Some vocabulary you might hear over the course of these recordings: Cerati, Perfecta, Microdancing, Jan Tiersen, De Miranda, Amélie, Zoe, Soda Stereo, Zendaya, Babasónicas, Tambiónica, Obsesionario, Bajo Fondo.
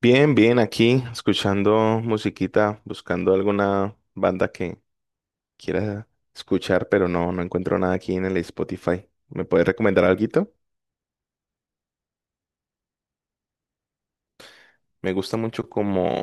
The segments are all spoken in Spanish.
Bien, bien, aquí escuchando musiquita, buscando alguna banda que quiera escuchar, pero no encuentro nada aquí en el Spotify. ¿Me puedes recomendar alguito? Me gusta mucho como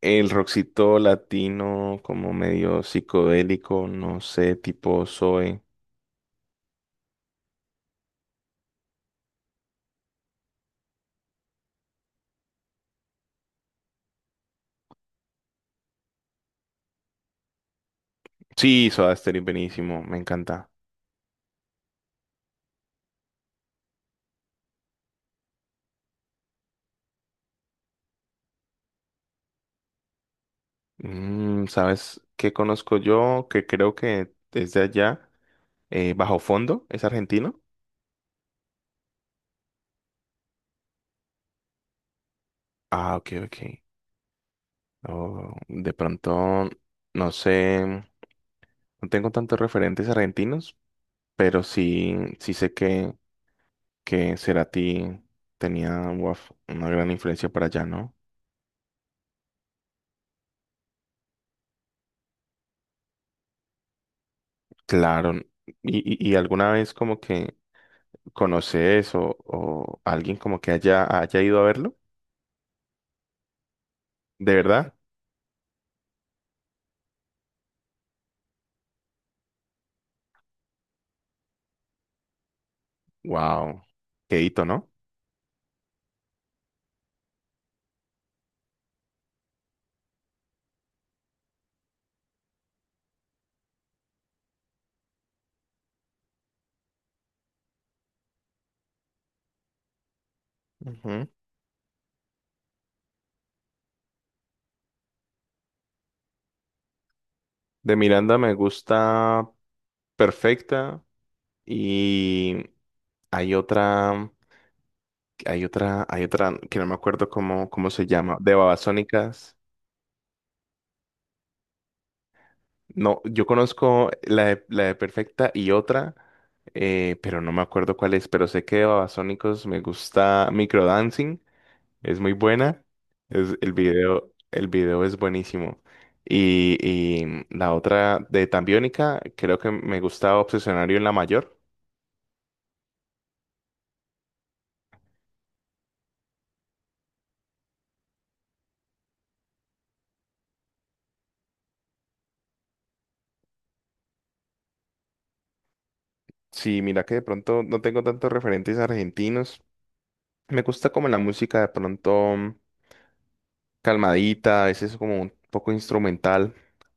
el rockcito latino, como medio psicodélico, no sé, tipo Zoe. Sí, Soda Stereo, buenísimo, me encanta. Mm, ¿sabes qué conozco yo? Que creo que desde allá, Bajo Fondo, ¿es argentino? Ah, ok, ok. O de pronto, no sé, no tengo tantos referentes argentinos, pero sí, sí sé que Cerati tenía uaf, una gran influencia para allá, ¿no? Claro. ¿Y alguna vez como que conoces o alguien como que haya ido a verlo? ¿De verdad? Wow. Qué hito, ¿no? Ujú. De Miranda me gusta Perfecta y hay otra. Hay otra que no me acuerdo cómo se llama, de Babasónicas. No, yo conozco la de Perfecta y otra, pero no me acuerdo cuál es, pero sé que de Babasónicos me gusta Microdancing, es muy buena. Es, el video es buenísimo. Y, y la otra de Tambiónica, creo que me gusta Obsesionario en la mayor. Sí, mira que de pronto no tengo tantos referentes argentinos. Me gusta como la música de pronto. Calmadita, a veces como un poco instrumental.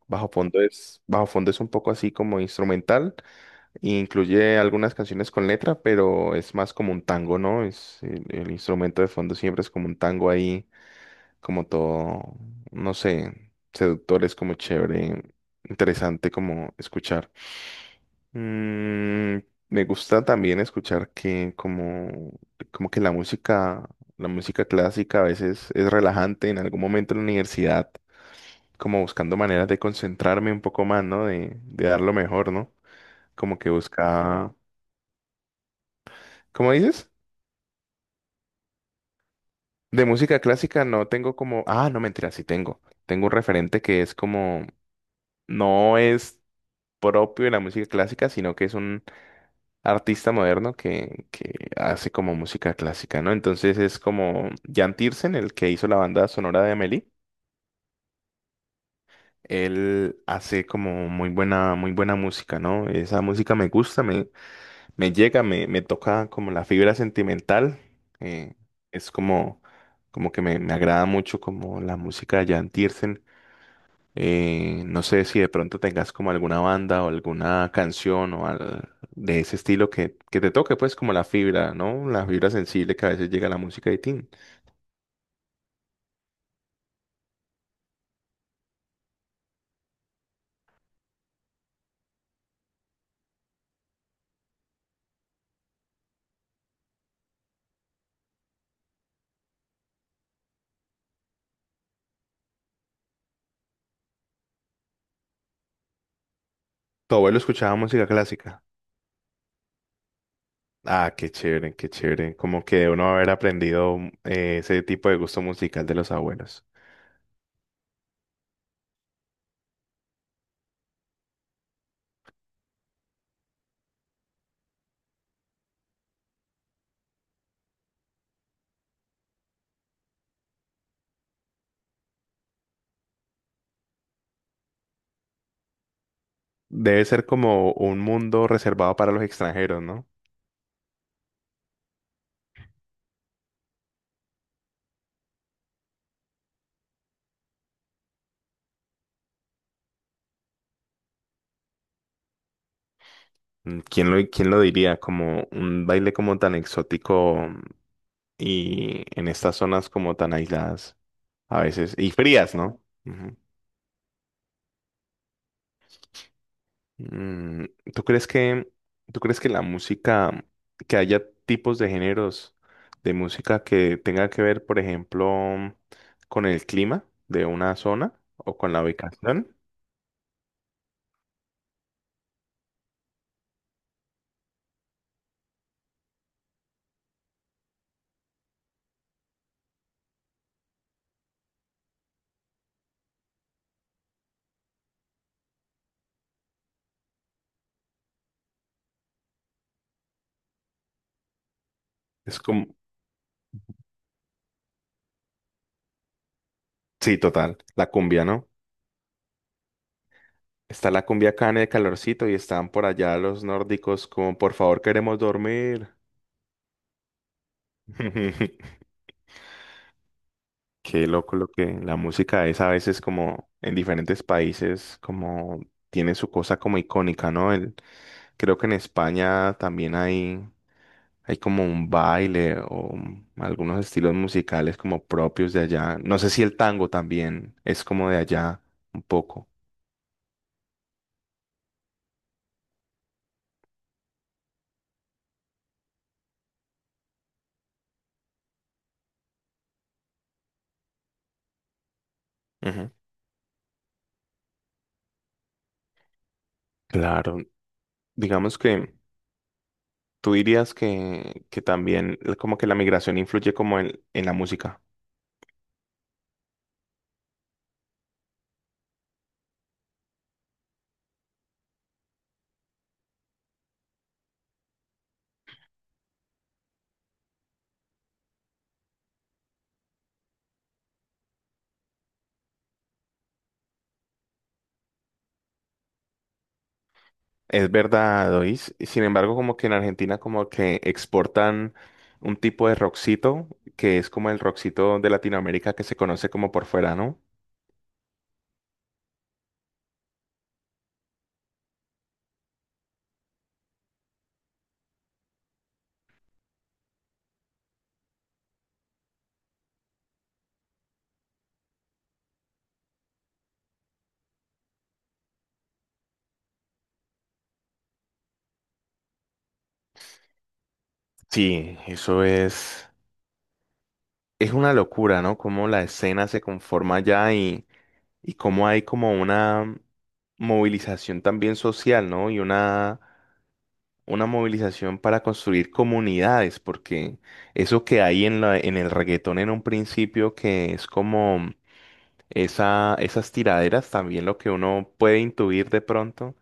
Bajo fondo es un poco así como instrumental, e incluye algunas canciones con letra, pero es más como un tango, ¿no? Es el instrumento de fondo siempre es como un tango ahí, como todo, no sé, seductor, es como chévere, interesante como escuchar. Mm, Me gusta también escuchar que como, como que la música clásica a veces es relajante. En algún momento en la universidad como buscando maneras de concentrarme un poco más, ¿no? De dar lo mejor, ¿no? Como que busca, ¿cómo dices? De música clásica no tengo como, ah, no, mentira, sí tengo. Tengo un referente que es como, no es propio de la música clásica, sino que es un artista moderno que hace como música clásica, ¿no? Entonces es como Jan Tiersen, el que hizo la banda sonora de Amélie. Él hace como muy buena música, ¿no? Esa música me gusta, me llega, me toca como la fibra sentimental. eh, es como, como que me agrada mucho como la música de Jan Tiersen. No sé si de pronto tengas como alguna banda o alguna canción o de ese estilo que te toque, pues como la fibra, ¿no? La fibra sensible que a veces llega a la música de Tin. Tu abuelo escuchaba música clásica. Ah, qué chévere, qué chévere. Como que uno haber aprendido ese tipo de gusto musical de los abuelos. Debe ser como un mundo reservado para los extranjeros, ¿no? Mm, quién lo diría? Como un baile como tan exótico, y en estas zonas como tan aisladas a veces y frías, ¿no? Ujú. Mm, ¿tú crees que, ¿tú crees que la música, que haya tipos de géneros de música que tenga que ver, por ejemplo, con el clima de una zona o con la ubicación? Es como, sí, total. La cumbia, ¿no? Está la cumbia acá en el calorcito y están por allá los nórdicos como, por favor, queremos dormir. Qué loco lo que la música es a veces como en diferentes países como tiene su cosa como icónica, ¿no? El, creo que en España también hay como un baile o algunos estilos musicales como propios de allá. No sé si el tango también es como de allá un poco. Ujú. Claro, digamos que tú dirías que también, como que la migración influye como en la música. Es verdad, Dois. Sin embargo, como que en Argentina como que exportan un tipo de rockcito que es como el rockcito de Latinoamérica que se conoce como por fuera, ¿no? Sí, eso es una locura, ¿no? Cómo la escena se conforma ya y cómo hay como una movilización también social, ¿no? Y una movilización para construir comunidades, porque eso que hay en la, en el reggaetón en un principio, que es como esa, esas tiraderas, también lo que uno puede intuir de pronto,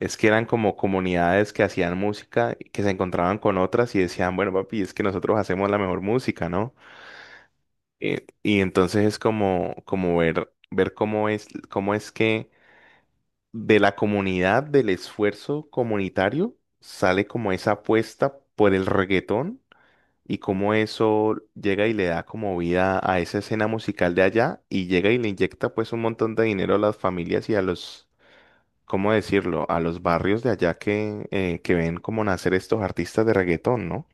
es que eran como comunidades que hacían música, que se encontraban con otras y decían, bueno, papi, es que nosotros hacemos la mejor música, ¿no? Y entonces es como, como ver, ver cómo es que de la comunidad, del esfuerzo comunitario, sale como esa apuesta por el reggaetón y cómo eso llega y le da como vida a esa escena musical de allá y llega y le inyecta pues un montón de dinero a las familias y a los, ¿cómo decirlo?, a los barrios de allá que ven como nacer estos artistas de reggaetón, ¿no?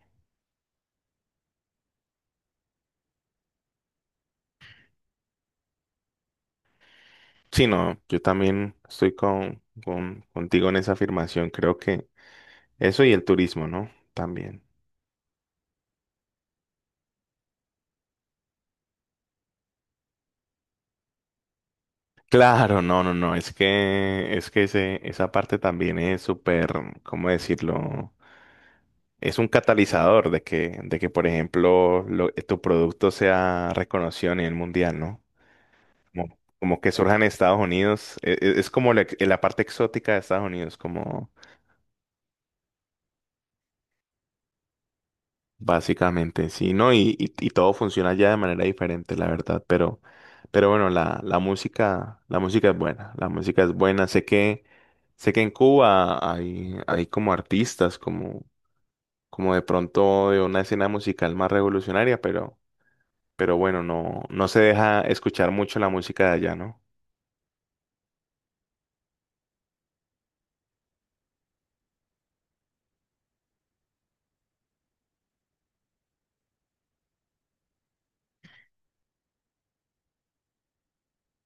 Sí, no, yo también estoy con, contigo en esa afirmación, creo que eso y el turismo, ¿no? También. Claro, no, no, no, es que ese, esa parte también es súper, ¿cómo decirlo? Es un catalizador de que, por ejemplo, tu producto sea reconocido a nivel mundial, ¿no? Como, como que surja en Estados Unidos, es, como la, la parte exótica de Estados Unidos, como, básicamente, sí, ¿no? Y, y todo funciona ya de manera diferente, la verdad, pero bueno, la, la música es buena, la música es buena. Sé que en Cuba hay, hay como artistas, como, como de pronto de una escena musical más revolucionaria, pero bueno, no, no se deja escuchar mucho la música de allá, ¿no?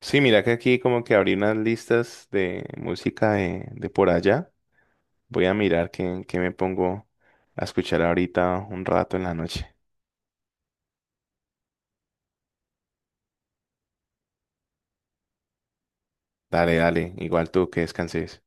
Sí, mira que aquí como que abrí unas listas de música de por allá. Voy a mirar qué, qué me pongo a escuchar ahorita un rato en la noche. Dale, dale, igual tú que descanses.